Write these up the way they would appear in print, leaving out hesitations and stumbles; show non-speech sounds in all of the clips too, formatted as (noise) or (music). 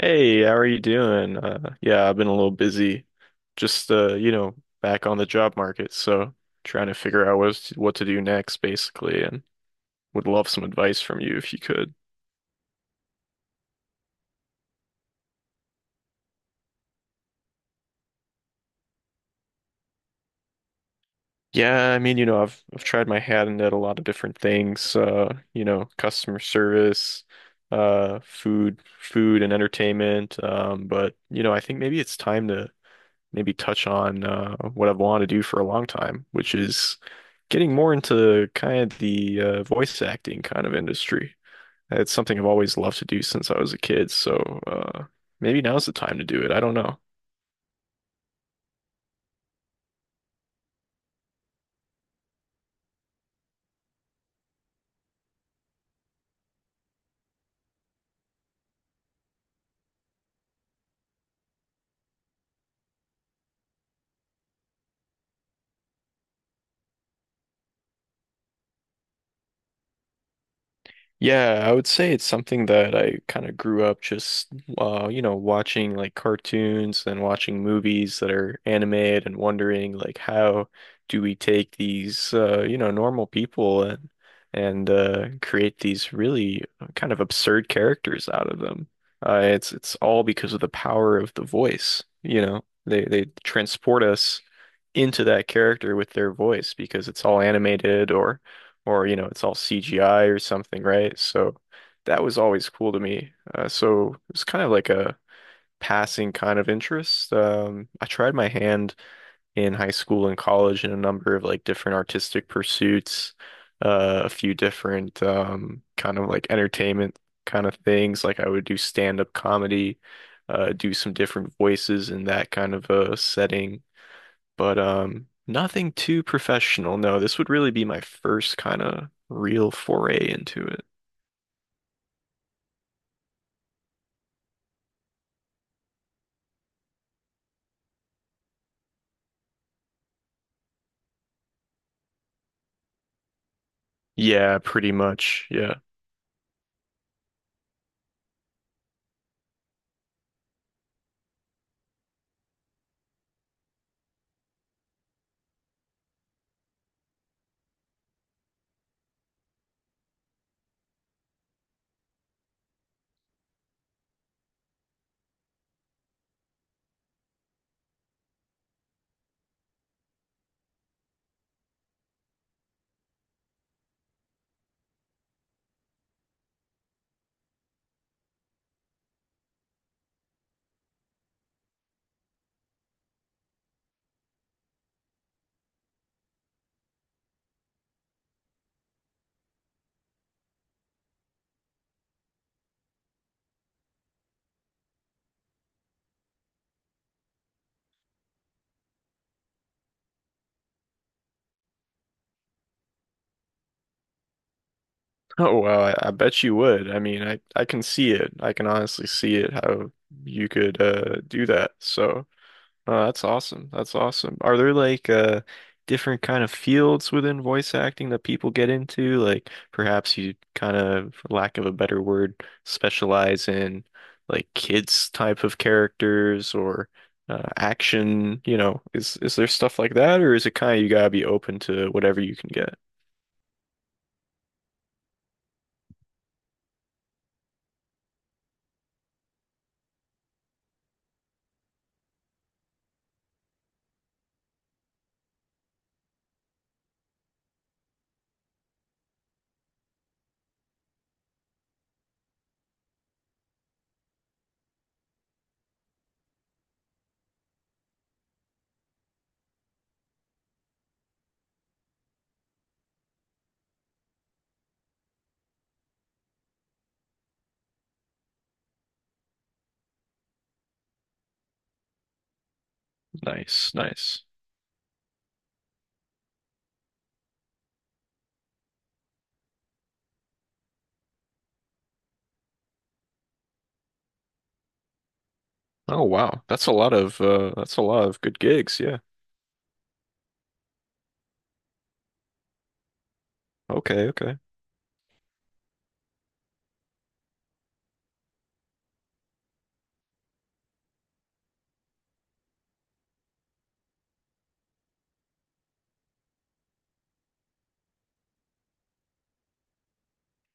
Hey, how are you doing? Yeah, I've been a little busy, just back on the job market, so trying to figure out what to do next, basically, and would love some advice from you if you could. Yeah, I mean, I've tried my hand at a lot of different things, customer service, food and entertainment, but I think maybe it's time to maybe touch on what I've wanted to do for a long time, which is getting more into kind of the voice acting kind of industry. It's something I've always loved to do since I was a kid, so uh, maybe now's the time to do it. I don't know. Yeah, I would say it's something that I kind of grew up just watching like cartoons and watching movies that are animated and wondering like how do we take these, normal people and and create these really kind of absurd characters out of them. It's all because of the power of the voice. They transport us into that character with their voice because it's all animated or or it's all CGI or something, right? So that was always cool to me. So it was kind of like a passing kind of interest. I tried my hand in high school and college in a number of like different artistic pursuits, a few different kind of like entertainment kind of things. Like I would do stand-up comedy, do some different voices in that kind of a setting but nothing too professional. No, this would really be my first kind of real foray into it. Yeah, pretty much. Yeah. (laughs) Oh, well, I bet you would. I mean, I can see it. I can honestly see it how you could do that. So oh, that's awesome. That's awesome. Are there like different kind of fields within voice acting that people get into? Like perhaps you kind of, for lack of a better word, specialize in like kids type of characters or action, you know, is there stuff like that or is it kind of you gotta be open to whatever you can get? Nice, nice. Oh wow. That's a lot of that's a lot of good gigs, yeah. Okay, okay.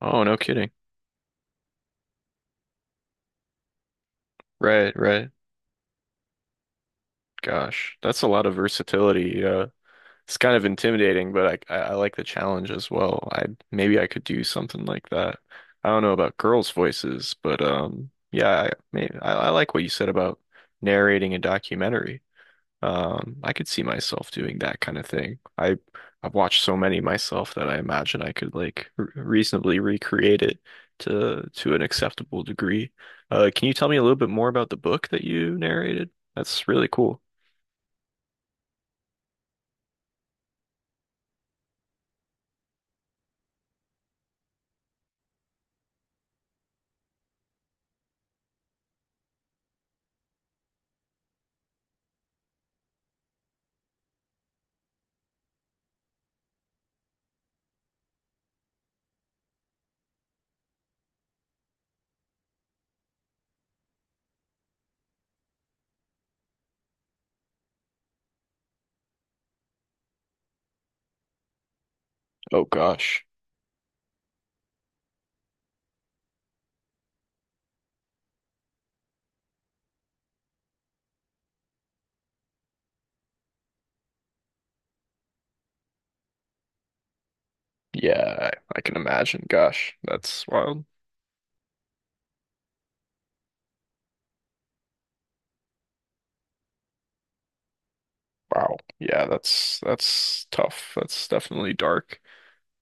Oh, no kidding. Right, right. Gosh, that's a lot of versatility. It's kind of intimidating, but I like the challenge as well. I maybe I could do something like that. I don't know about girls' voices, but yeah, maybe I like what you said about narrating a documentary. I could see myself doing that kind of thing. I I've watched so many myself that I imagine I could like re reasonably recreate it to an acceptable degree. Can you tell me a little bit more about the book that you narrated? That's really cool. Oh gosh. Yeah, I can imagine. Gosh, that's wild. Wow. Yeah, that's tough. That's definitely dark.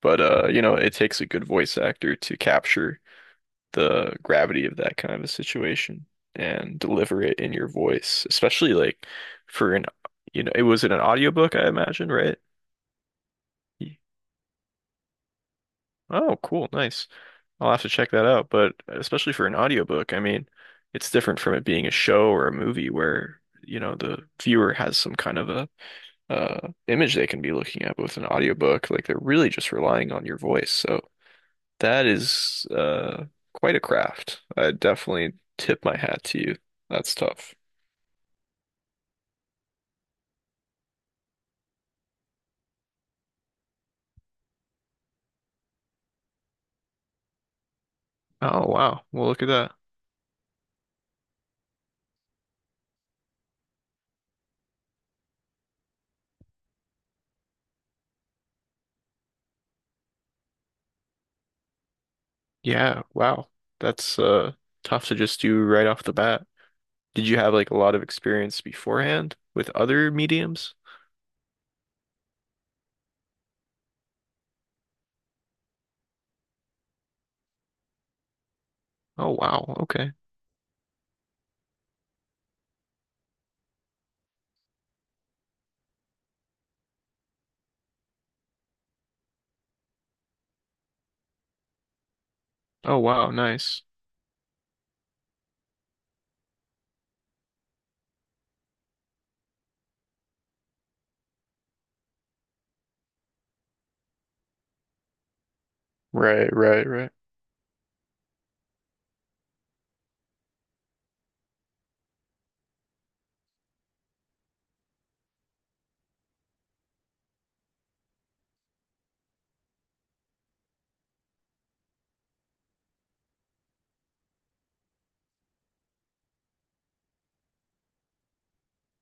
But it takes a good voice actor to capture the gravity of that kind of a situation and deliver it in your voice, especially like for an, you know, it was in an audiobook, I imagine, right? Oh, cool. Nice. I'll have to check that out. But especially for an audiobook, I mean, it's different from it being a show or a movie where, you know, the viewer has some kind of a image they can be looking at. But with an audiobook, like they're really just relying on your voice. So that is quite a craft. I definitely tip my hat to you. That's tough. Oh, wow. Well, look at that. Yeah, wow. That's tough to just do right off the bat. Did you have like a lot of experience beforehand with other mediums? Oh wow, okay. Oh wow, nice. Right, right, right.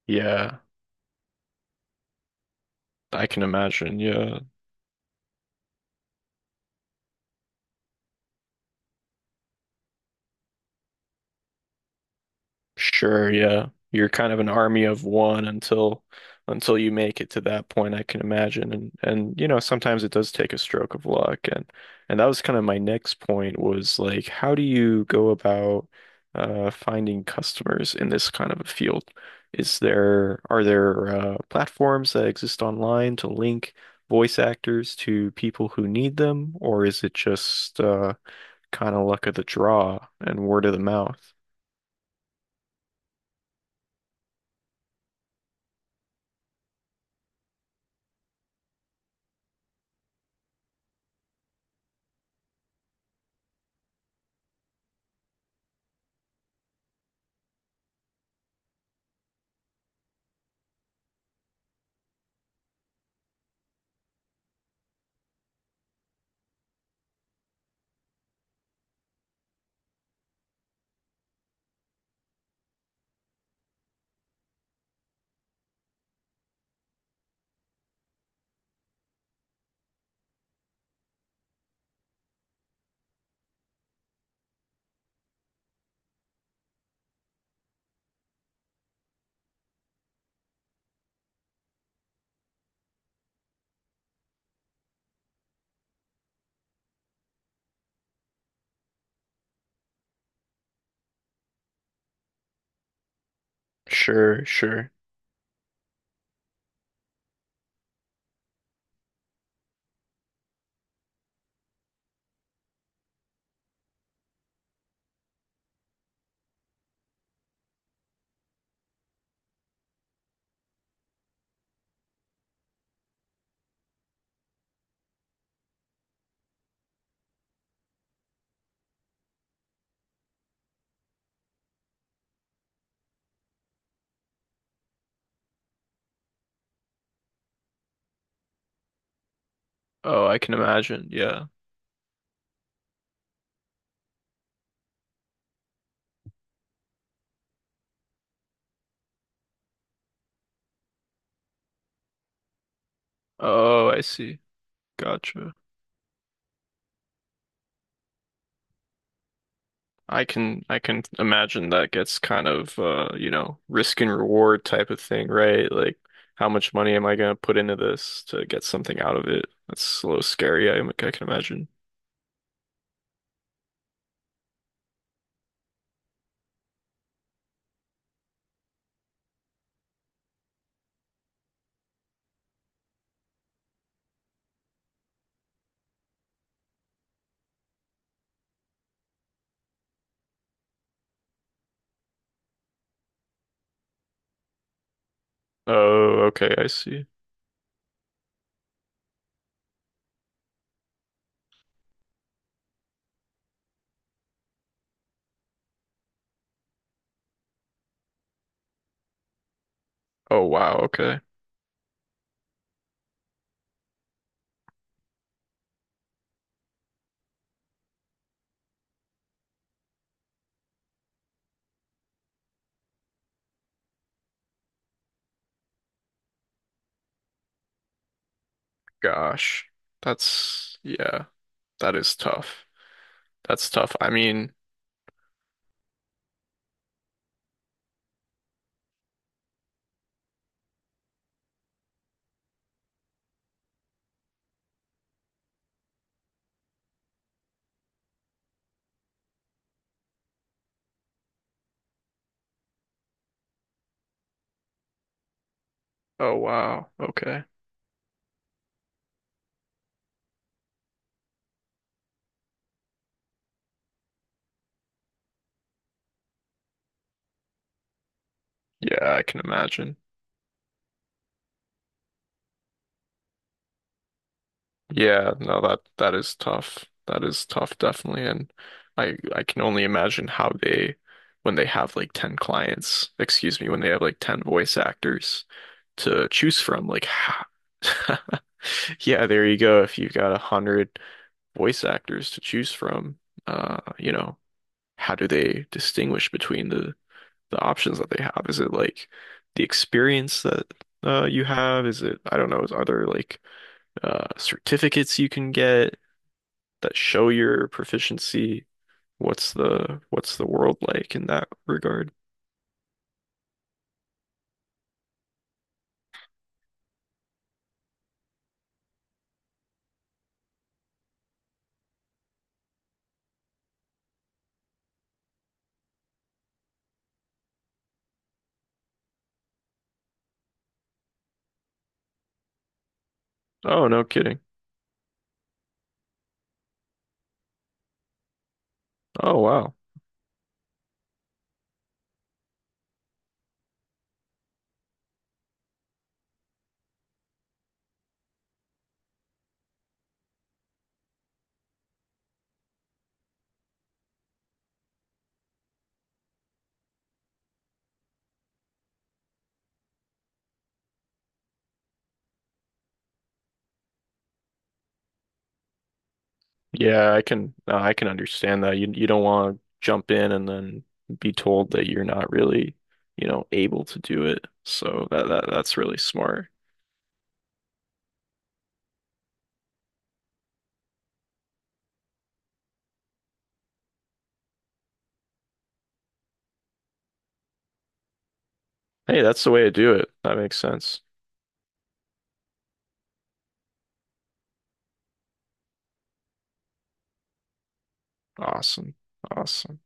Yeah, I can imagine. Yeah. Sure, yeah. You're kind of an army of one until you make it to that point, I can imagine. And you know, sometimes it does take a stroke of luck. And that was kind of my next point was like, how do you go about finding customers in this kind of a field? Is there Are there platforms that exist online to link voice actors to people who need them, or is it just kind of luck of the draw and word of the mouth? Sure, sure. Oh, I can imagine. Yeah. Oh, I see. Gotcha. I can imagine that gets kind of risk and reward type of thing, right? Like how much money am I gonna put into this to get something out of it? That's a little scary, I can imagine. Oh, okay, I see. Oh, wow, okay. Gosh. That's yeah, that is tough. That's tough. I mean, oh wow, okay. Yeah, I can imagine. Yeah, no, that is tough. That is tough, definitely. And I can only imagine how they when they have like 10 clients, excuse me, when they have like 10 voice actors to choose from, like (laughs) yeah, there you go. If you've got 100 voice actors to choose from, uh, you know, how do they distinguish between the options that they have? Is it like the experience that you have? Is it, I don't know, is are there like certificates you can get that show your proficiency? What's the world like in that regard? Oh, no kidding. Oh, wow. Yeah, I can understand that. You don't want to jump in and then be told that you're not really, you know, able to do it. So that's really smart. Hey, that's the way to do it. That makes sense. Awesome. Awesome.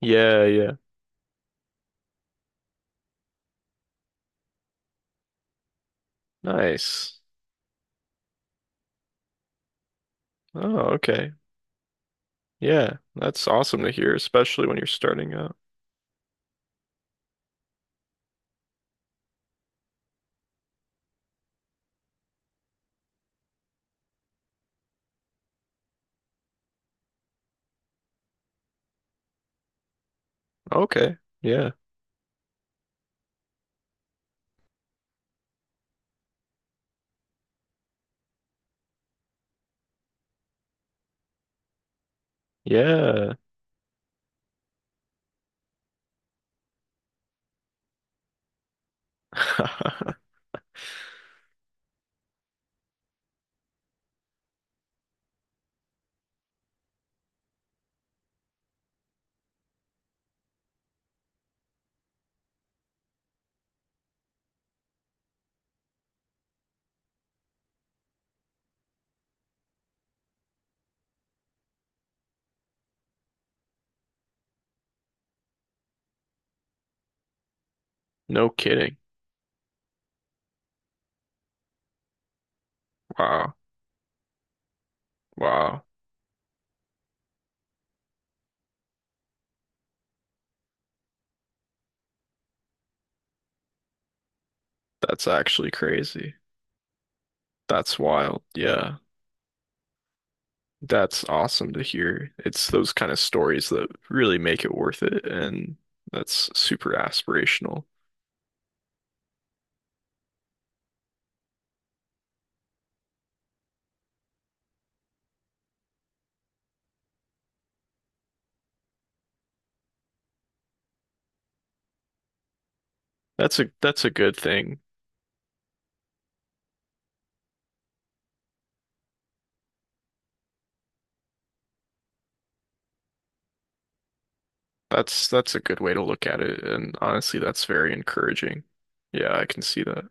Yeah, yeah. Nice. Oh, okay. Yeah, that's awesome to hear, especially when you're starting out. Okay. Yeah. Yeah. (laughs) No kidding. Wow. Wow. That's actually crazy. That's wild. Yeah. That's awesome to hear. It's those kind of stories that really make it worth it, and that's super aspirational. That's a good thing. That's a good way to look at it, and honestly, that's very encouraging. Yeah, I can see that.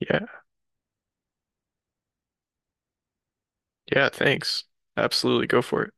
Yeah. Yeah, thanks. Absolutely. Go for it.